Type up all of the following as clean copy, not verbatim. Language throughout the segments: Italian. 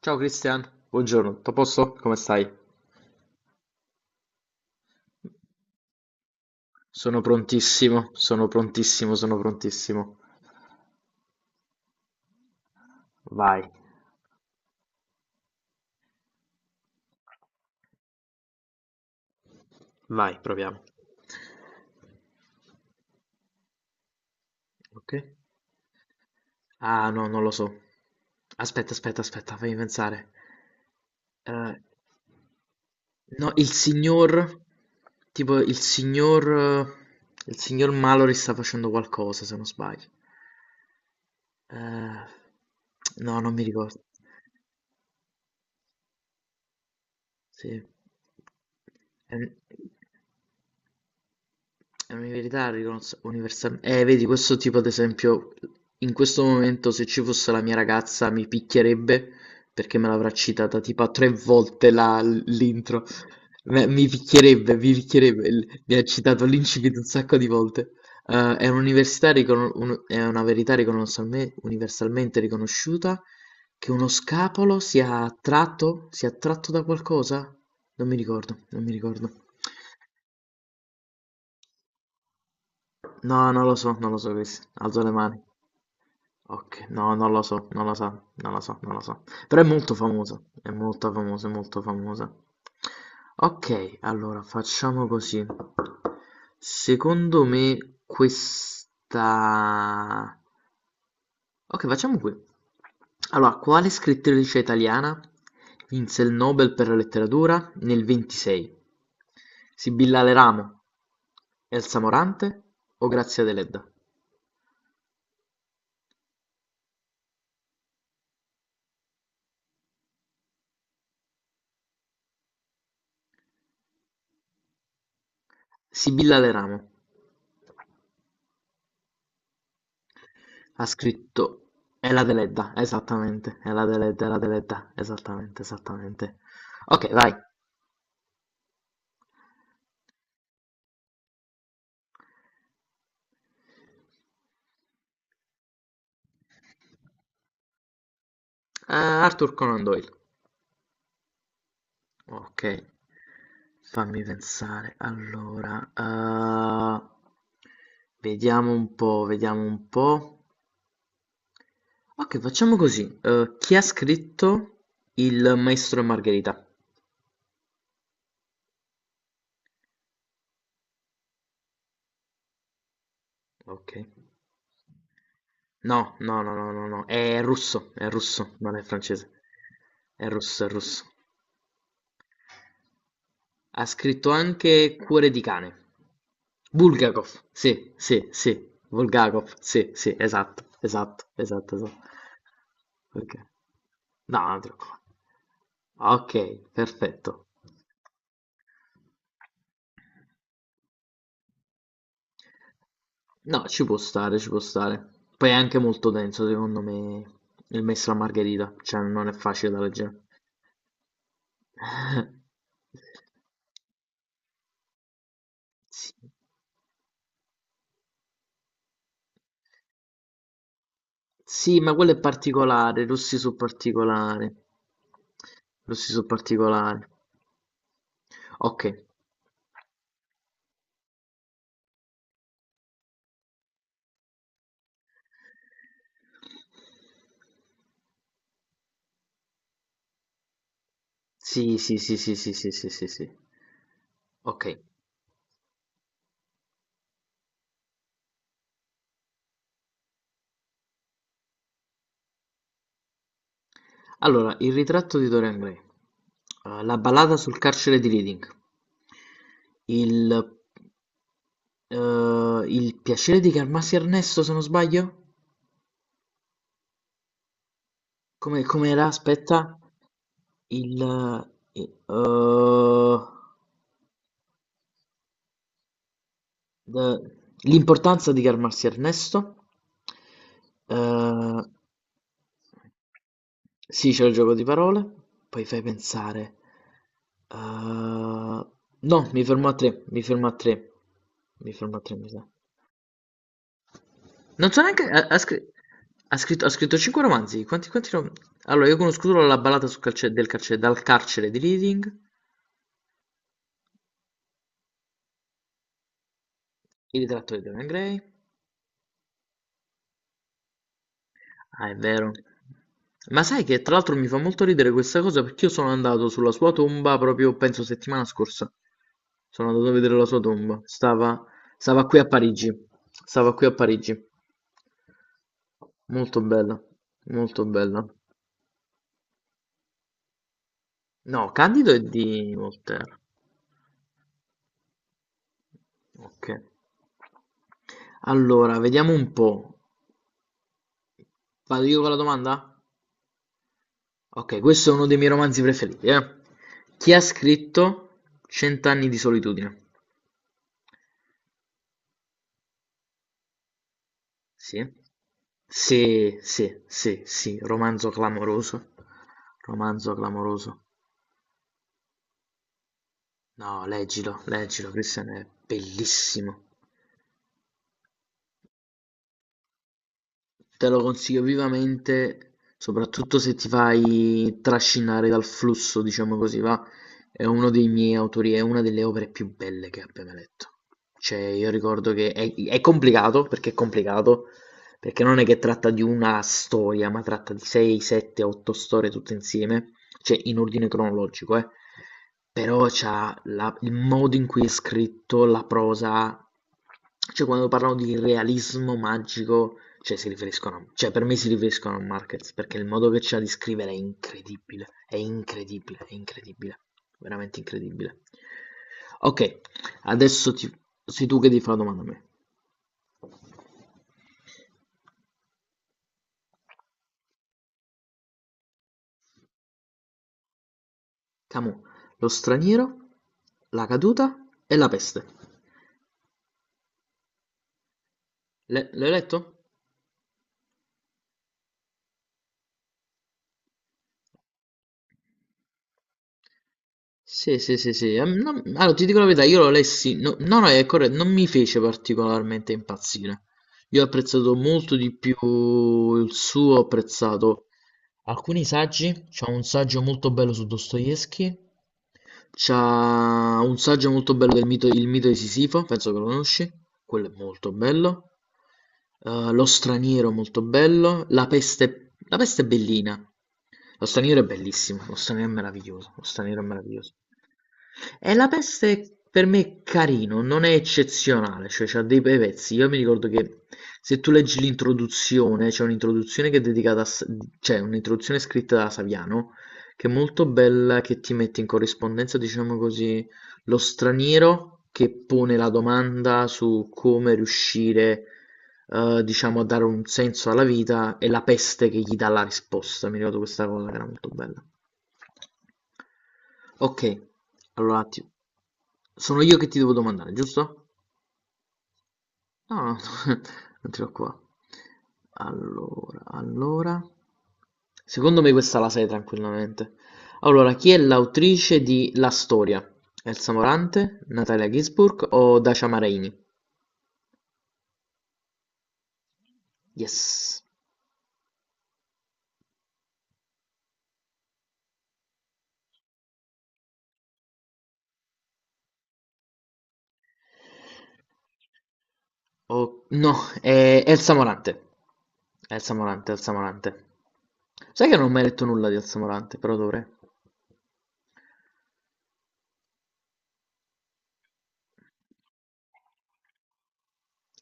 Ciao Cristian, buongiorno, tutto a posto? Come stai? Sono prontissimo, sono prontissimo, sono prontissimo. Vai, vai, proviamo. Ok? Ah, no, non lo so. Aspetta, aspetta, aspetta, fammi pensare. Eh, no, il signor, tipo il signor Mallory sta facendo qualcosa, se non sbaglio. Eh, no, non mi ricordo. Sì. Ehm, È un'verità ricons- universal- vedi, questo tipo, ad esempio, in questo momento se ci fosse la mia ragazza mi picchierebbe perché me l'avrà citata tipo a 3 volte l'intro. Mi picchierebbe, mi picchierebbe. Mi ha citato l'incipit un sacco di volte. È un'università ricon- un- è una verità riconoscialme- universalmente riconosciuta che uno scapolo sia attratto da qualcosa? Non mi ricordo, non mi ricordo. No, non lo so, non lo so, Chris. Alzo le mani. Ok, no, non lo so, non lo so, non lo so, non lo so. Però è molto famosa, è molto famosa, è molto famosa. Ok, allora facciamo così. Secondo me questa... Ok, facciamo qui. Allora, quale scrittrice italiana vinse il Nobel per la letteratura nel 26? Sibilla Aleramo, Elsa Morante o Grazia Deledda? Sibilla Leramo ha scritto "Ela Deledda", esattamente, "Ela Deledda, Ela Deledda", esattamente, esattamente. Ok, vai. Arthur Conan Doyle. Ok, fammi pensare. Allora, vediamo un po', vediamo un po'. Ok, facciamo così. Chi ha scritto Il Maestro e Margherita? Ok. No, no, no, no, no, no, è russo, non è francese. È russo, è russo. Ha scritto anche "Cuore di cane", "Bulgakov", sì, sì, sì, Bulgakov, sì, sì, esatto, esatto, esatto, esatto. Okay. No, non ti preoccupare. Ok, perfetto. No, ci può stare, ci può stare. Poi è anche molto denso, secondo me, il Maestro e la Margherita, cioè non è facile da leggere. Sì. Sì, ma quello è particolare, rossi su particolare. Rossi su particolare. Ok. Sì, sì, sì, sì, sì, sì, sì, sì, sì. Ok. Allora, il ritratto di Dorian Gray. La ballata sul carcere di Reading. Il, il piacere di calmarsi Ernesto, se non sbaglio? Come, com'era? Aspetta. Il... eh, eh, Ehm, L'importanza di calmarsi Ernesto. Ehm Sì, c'è il gioco di parole, poi fai pensare. Ehm, no, mi fermo a tre, mi fermo a tre. Mi fermo a tre, mi sa. Non so neanche... ha scritto 5 romanzi. Quanti, allora, io conosco solo la ballata del carcere, dal carcere di Reading, il ritratto di Dorian Gray. Ah, è vero. Ma sai che tra l'altro mi fa molto ridere questa cosa perché io sono andato sulla sua tomba proprio, penso, settimana scorsa. Sono andato a vedere la sua tomba. Stava qui a Parigi. Stava qui a Parigi. Molto bella, molto bella. No, Candido è di Voltaire. Ok. Allora, vediamo un po'. Vado io con la domanda? Ok, questo è uno dei miei romanzi preferiti, eh. Chi ha scritto Cent'anni di solitudine? Sì, sì, sì, sì, sì, romanzo clamoroso, romanzo clamoroso. No, leggilo, leggilo, Christian è bellissimo. Te lo consiglio vivamente, soprattutto se ti fai trascinare dal flusso, diciamo così, va. È uno dei miei autori, è una delle opere più belle che abbia mai letto. Cioè, io ricordo che è complicato, perché non è che tratta di una storia, ma tratta di 6, 7, 8 storie tutte insieme, cioè in ordine cronologico, eh. Però c'ha il modo in cui è scritto, la prosa, cioè quando parlano di realismo magico, cioè si riferiscono, cioè per me si riferiscono a Marquez, perché il modo che c'ha di scrivere è incredibile, è incredibile, è incredibile, veramente incredibile. Ok, adesso ti, sei tu che ti fa la domanda a me. Camus, lo straniero, la caduta e la peste. L'hai letto? Sì, sì, sì, sì. Allora, ti dico la verità, io lo lessi, no, no, no, è corretto, non mi fece particolarmente impazzire. Io ho apprezzato molto di più il suo, ho apprezzato alcuni saggi, c'è un saggio molto bello su Dostoevsky, c'è un saggio molto bello del mito, il mito di Sisifo, penso che lo conosci, quello è molto bello. Lo straniero molto bello, la peste è bellina. Lo straniero è bellissimo, lo straniero è meraviglioso, lo straniero è meraviglioso. E la peste per me è carino, non è eccezionale, cioè c'ha dei bei pezzi. Io mi ricordo che se tu leggi l'introduzione, c'è un'introduzione che è dedicata cioè un'introduzione scritta da Saviano, che è molto bella, che ti mette in corrispondenza, diciamo così, lo straniero che pone la domanda su come riuscire diciamo, a dare un senso alla vita e la peste che gli dà la risposta. Mi ricordo questa cosa che era molto bella. Ok, allora un attimo. Sono io che ti devo domandare, giusto? No, no, non ce l'ho qua. Allora, allora. Secondo me questa la sai tranquillamente. Allora, chi è l'autrice di La storia? Elsa Morante, Natalia Gisburg o Dacia Maraini? Yes. Oh, no, è Elsa Morante. Elsa Morante, Elsa Morante. Sai che non ho mai letto nulla di Elsa Morante, però dovrei.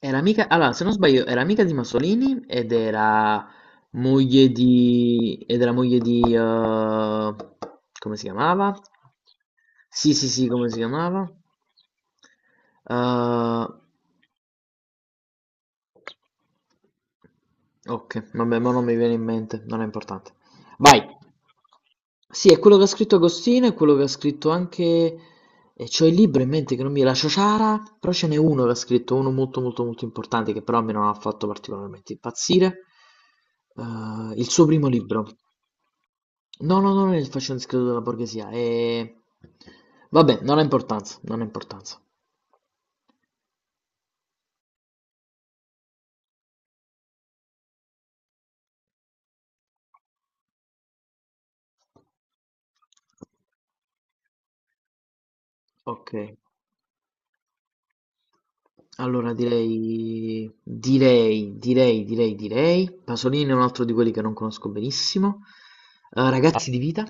Era amica, allora, se non sbaglio, era amica di Masolini ed era moglie di... ed era moglie di... come si chiamava? Sì, sì, sì, come si chiamava? Eh, Okay, vabbè mo non mi viene in mente, non è importante. Vai! Sì, è quello che ha scritto Agostino, è quello che ha scritto anche... E c'ho il libro in mente che non mi... La Ciociara, però ce n'è uno che ha scritto, uno molto molto molto importante, che però a me non ha fatto particolarmente impazzire. Il suo primo libro. No, no, no, non è il fascino discreto della borghesia, è... Vabbè, non ha importanza, non ha importanza. Ok. Allora direi direi, direi, direi, direi Pasolini è un altro di quelli che non conosco benissimo. Ragazzi di vita,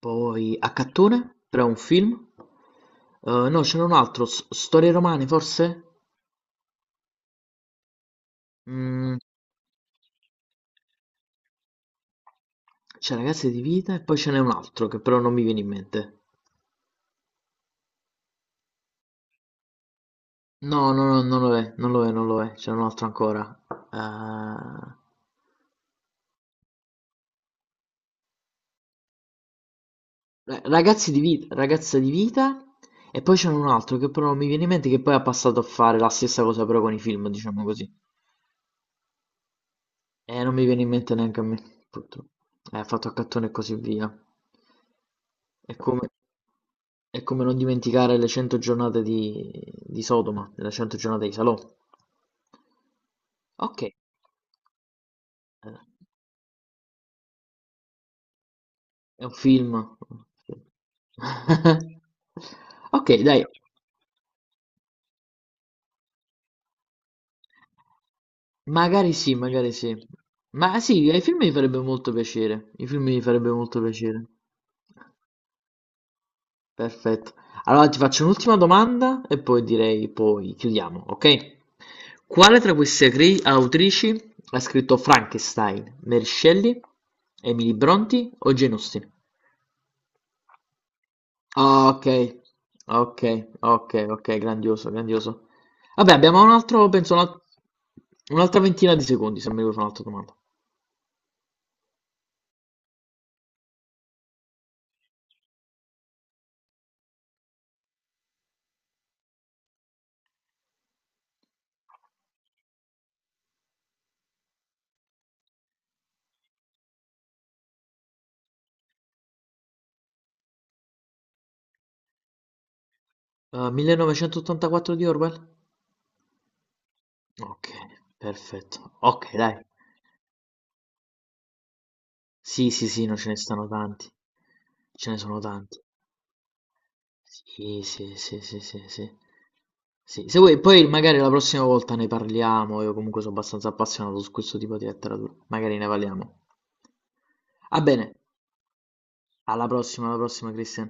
poi Accattone, però è un film. No, ce n'è un altro, Storie romane forse? Mm, c'è Ragazzi di vita e poi ce n'è un altro che però non mi viene in mente. No, no, no, non lo è, non lo è, non lo è, c'è un altro ancora. Eh, Ragazzi di vita, ragazza di vita. E poi c'era un altro che però non mi viene in mente che poi ha passato a fare la stessa cosa però con i film, diciamo così. E non mi viene in mente neanche a me, purtroppo. Ha fatto a cattone e così via. È come, è come non dimenticare le 100 giornate di Sodoma, le 100 giornate di Salò. Ok, è un film. Ok, dai. Magari sì, magari sì. Ma sì, ai film mi farebbe molto piacere. I film mi farebbe molto piacere. Perfetto. Allora ti faccio un'ultima domanda e poi direi, poi chiudiamo, ok? Quale tra queste acri- autrici ha scritto Frankenstein? Mary Shelley, Emily Brontë o Jane Austen? Ah, ok, ok, ok, ok, grandioso, grandioso. Vabbè, abbiamo un altro, penso, un'altra 20 di secondi se mi vuoi fare un'altra domanda. 1984 di Orwell? Okay, perfetto. Okay, dai. Sì, sì, sì, no, ce ne stanno tanti. Ce ne sono tanti. Sì, sì, sì, sì, sì, sì. Sì, se vuoi poi magari la prossima volta ne parliamo, io comunque sono abbastanza appassionato su questo tipo di letteratura. Magari ne parliamo. Va bene, alla prossima, Christian.